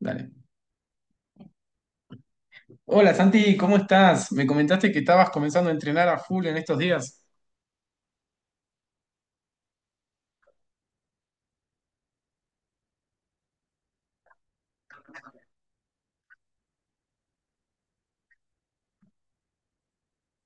Dale. Hola Santi, ¿cómo estás? Me comentaste que estabas comenzando a entrenar a full en estos días.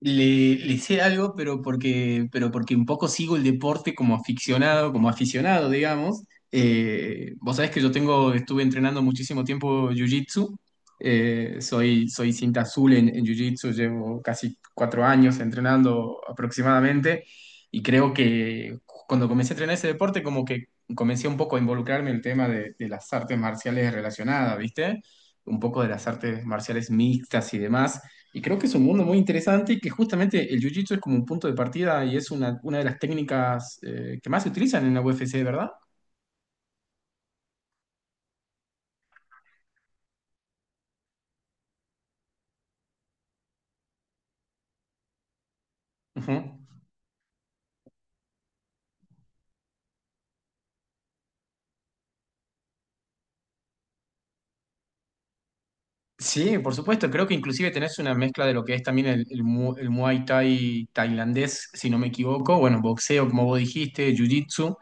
Le sé algo, pero porque un poco sigo el deporte como aficionado, digamos. Vos sabés que yo tengo, estuve entrenando muchísimo tiempo Jiu-Jitsu. Soy cinta azul en Jiu-Jitsu, llevo casi cuatro años entrenando aproximadamente. Y creo que cuando comencé a entrenar ese deporte, como que comencé un poco a involucrarme en el tema de las artes marciales relacionadas, ¿viste? Un poco de las artes marciales mixtas y demás, y creo que es un mundo muy interesante y que justamente el jiu-jitsu es como un punto de partida y es una de las técnicas que más se utilizan en la UFC, ¿verdad? Ujú. Sí, por supuesto. Creo que inclusive tenés una mezcla de lo que es también el Muay Thai tailandés, si no me equivoco. Bueno, boxeo, como vos dijiste, jiu-jitsu.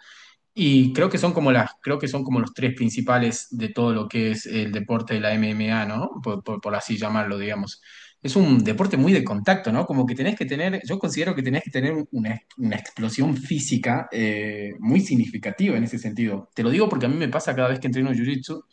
Y creo que son como las, creo que son como los tres principales de todo lo que es el deporte de la MMA, ¿no? Por así llamarlo, digamos. Es un deporte muy de contacto, ¿no? Como que tenés que tener, yo considero que tenés que tener una explosión física muy significativa en ese sentido. Te lo digo porque a mí me pasa cada vez que entreno Jiu-Jitsu,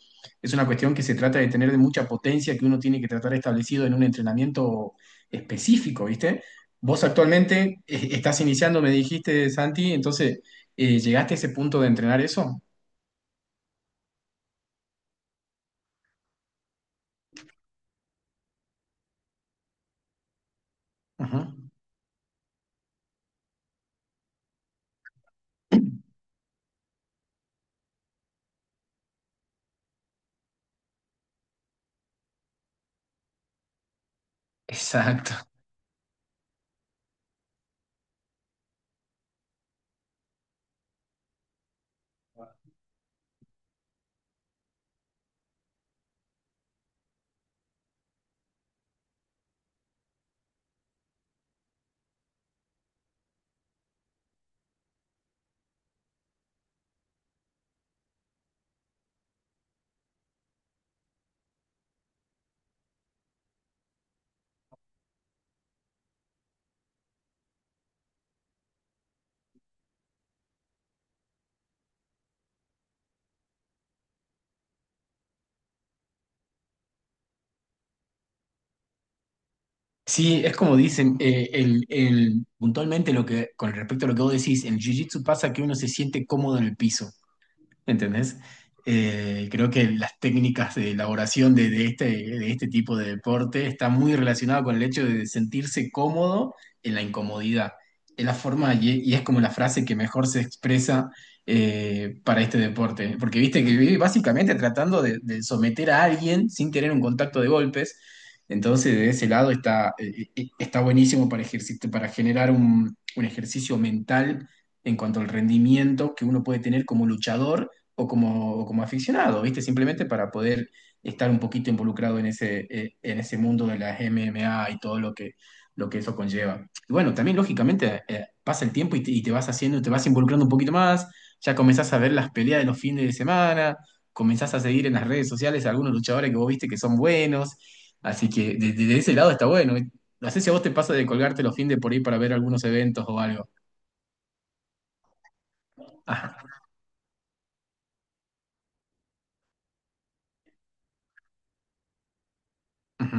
es una cuestión que se trata de tener de mucha potencia que uno tiene que tratar establecido en un entrenamiento específico, ¿viste? Vos actualmente estás iniciando, me dijiste, Santi, entonces ¿llegaste a ese punto de entrenar eso? Ujú. Exacto. Sí, es como dicen, puntualmente lo que, con respecto a lo que vos decís, en el Jiu-Jitsu pasa que uno se siente cómodo en el piso. ¿Entendés? Creo que las técnicas de elaboración de este, de este tipo de deporte está muy relacionado con el hecho de sentirse cómodo en la incomodidad. Es la forma y es como la frase que mejor se expresa para este deporte. Porque viste que vive básicamente tratando de someter a alguien sin tener un contacto de golpes. Entonces, de ese lado está buenísimo para, para generar un ejercicio mental en cuanto al rendimiento que uno puede tener como luchador o como aficionado, ¿viste? Simplemente para poder estar un poquito involucrado en ese, en ese mundo de las MMA y todo lo que eso conlleva. Y bueno, también lógicamente pasa el tiempo y te vas haciendo, te vas involucrando un poquito más, ya comenzás a ver las peleas de los fines de semana, comenzás a seguir en las redes sociales a algunos luchadores que vos viste que son buenos, así que desde de ese lado está bueno. No sé si a vos te pasa de colgarte los fines de por ahí para ver algunos eventos o algo. Ajá. Ujú,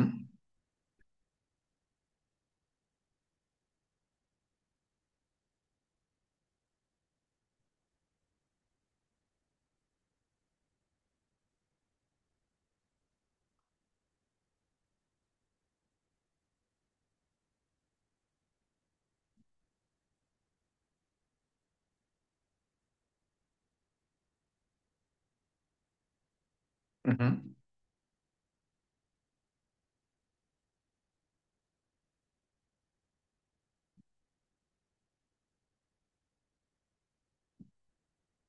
ujú.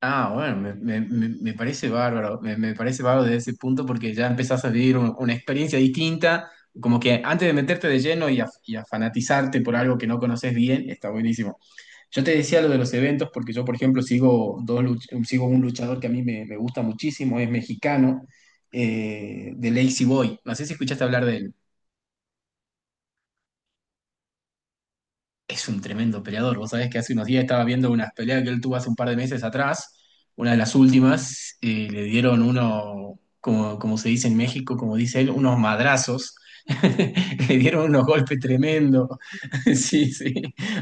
Ah, bueno, me parece bárbaro, me parece bárbaro desde ese punto porque ya empezás a vivir una experiencia distinta, como que antes de meterte de lleno y a fanatizarte por algo que no conoces bien, está buenísimo. Yo te decía lo de los eventos porque yo, por ejemplo, sigo, sigo un luchador que a mí me, me gusta muchísimo, es mexicano, de Lazy Boy, no sé si escuchaste hablar de él. Es un tremendo peleador. Vos sabés que hace unos días estaba viendo unas peleas que él tuvo hace un par de meses atrás, una de las últimas, le dieron uno, como, como se dice en México, como dice él, unos madrazos. Le dieron unos golpes tremendos. Sí, sí.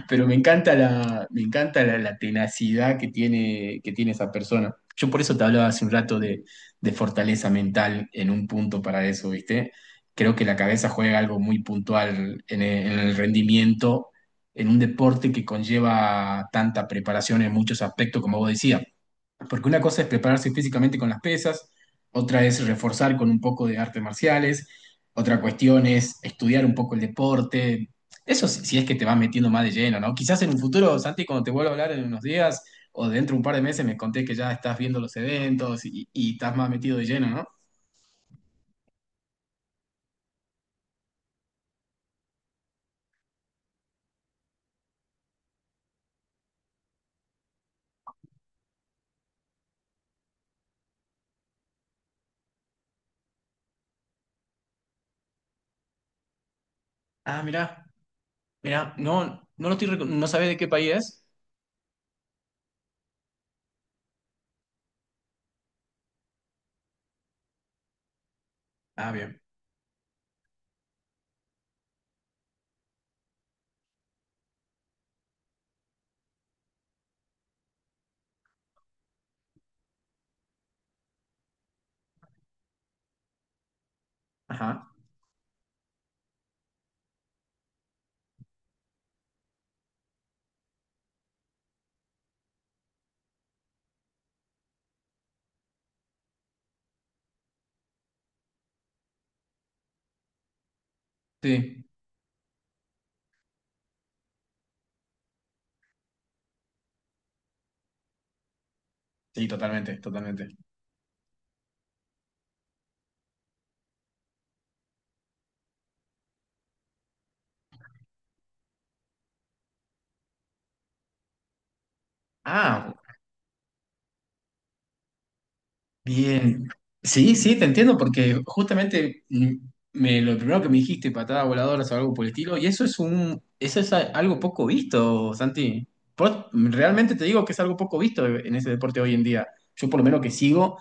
Pero me encanta la, me encanta la tenacidad que tiene esa persona. Yo por eso te hablaba hace un rato de fortaleza mental en un punto para eso, ¿viste? Creo que la cabeza juega algo muy puntual en el rendimiento en un deporte que conlleva tanta preparación en muchos aspectos, como vos decías. Porque una cosa es prepararse físicamente con las pesas, otra es reforzar con un poco de artes marciales, otra cuestión es estudiar un poco el deporte. Eso si es que te vas metiendo más de lleno, ¿no? Quizás en un futuro, Santi, cuando te vuelva a hablar en unos días o dentro de un par de meses, me conté que ya estás viendo los eventos y estás más metido de lleno, ¿no? Ah, mirá, no, no lo estoy, no sabés de qué país es. Ah, bien. Ajá. Sí, sí, totalmente, totalmente. Ah, bien. Sí, sí, te entiendo, porque justamente me, lo primero que me dijiste, patadas voladoras o algo por el estilo, y eso es un, eso es algo poco visto, Santi. Realmente te digo que es algo poco visto en ese deporte hoy en día. Yo por lo menos que sigo,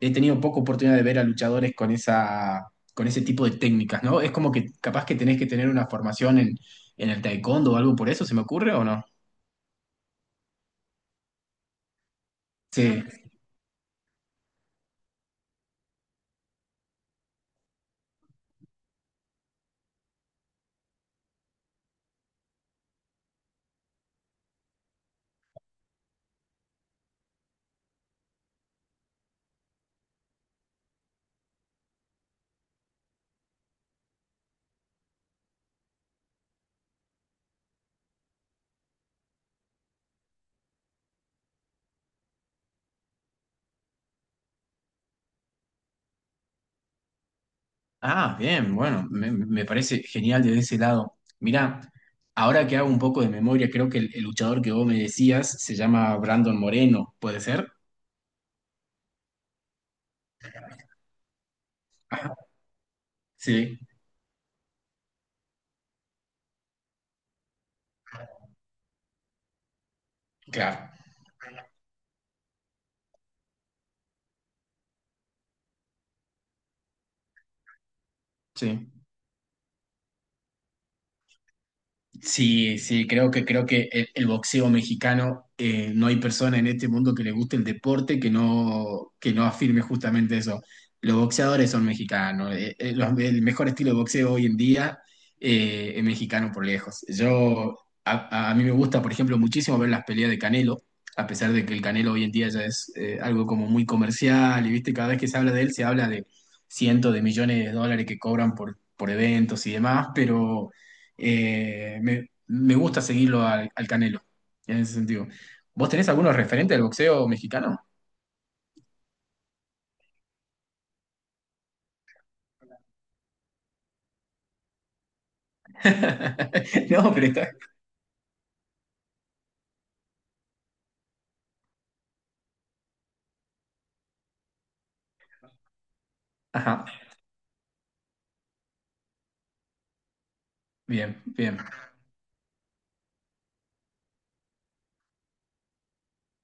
he tenido poca oportunidad de ver a luchadores con esa, con ese tipo de técnicas, ¿no? Es como que capaz que tenés que tener una formación en el taekwondo o algo por eso, ¿se me ocurre o no? Sí. Ah, bien, bueno, me parece genial desde ese lado. Mirá, ahora que hago un poco de memoria, creo que el luchador que vos me decías se llama Brandon Moreno, ¿puede ser? Ajá. Sí, claro, sí. Sí, sí, creo que el boxeo mexicano, no hay persona en este mundo que le guste el deporte que no afirme justamente eso. Los boxeadores son mexicanos. El mejor estilo de boxeo hoy en día es mexicano por lejos. Yo a mí me gusta, por ejemplo, muchísimo ver las peleas de Canelo, a pesar de que el Canelo hoy en día ya es algo como muy comercial, y viste, cada vez que se habla de él, se habla de cientos de millones de dólares que cobran por eventos y demás, pero me gusta seguirlo al Canelo, en ese sentido. ¿Vos tenés algunos referentes del boxeo mexicano? No, pero está. Ajá, bien, bien.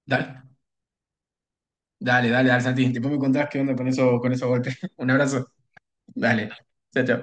Dale, dale, dale, dale, Santi. Después me contás qué onda con eso, con esos golpes. Un abrazo. Dale. Chao, chao.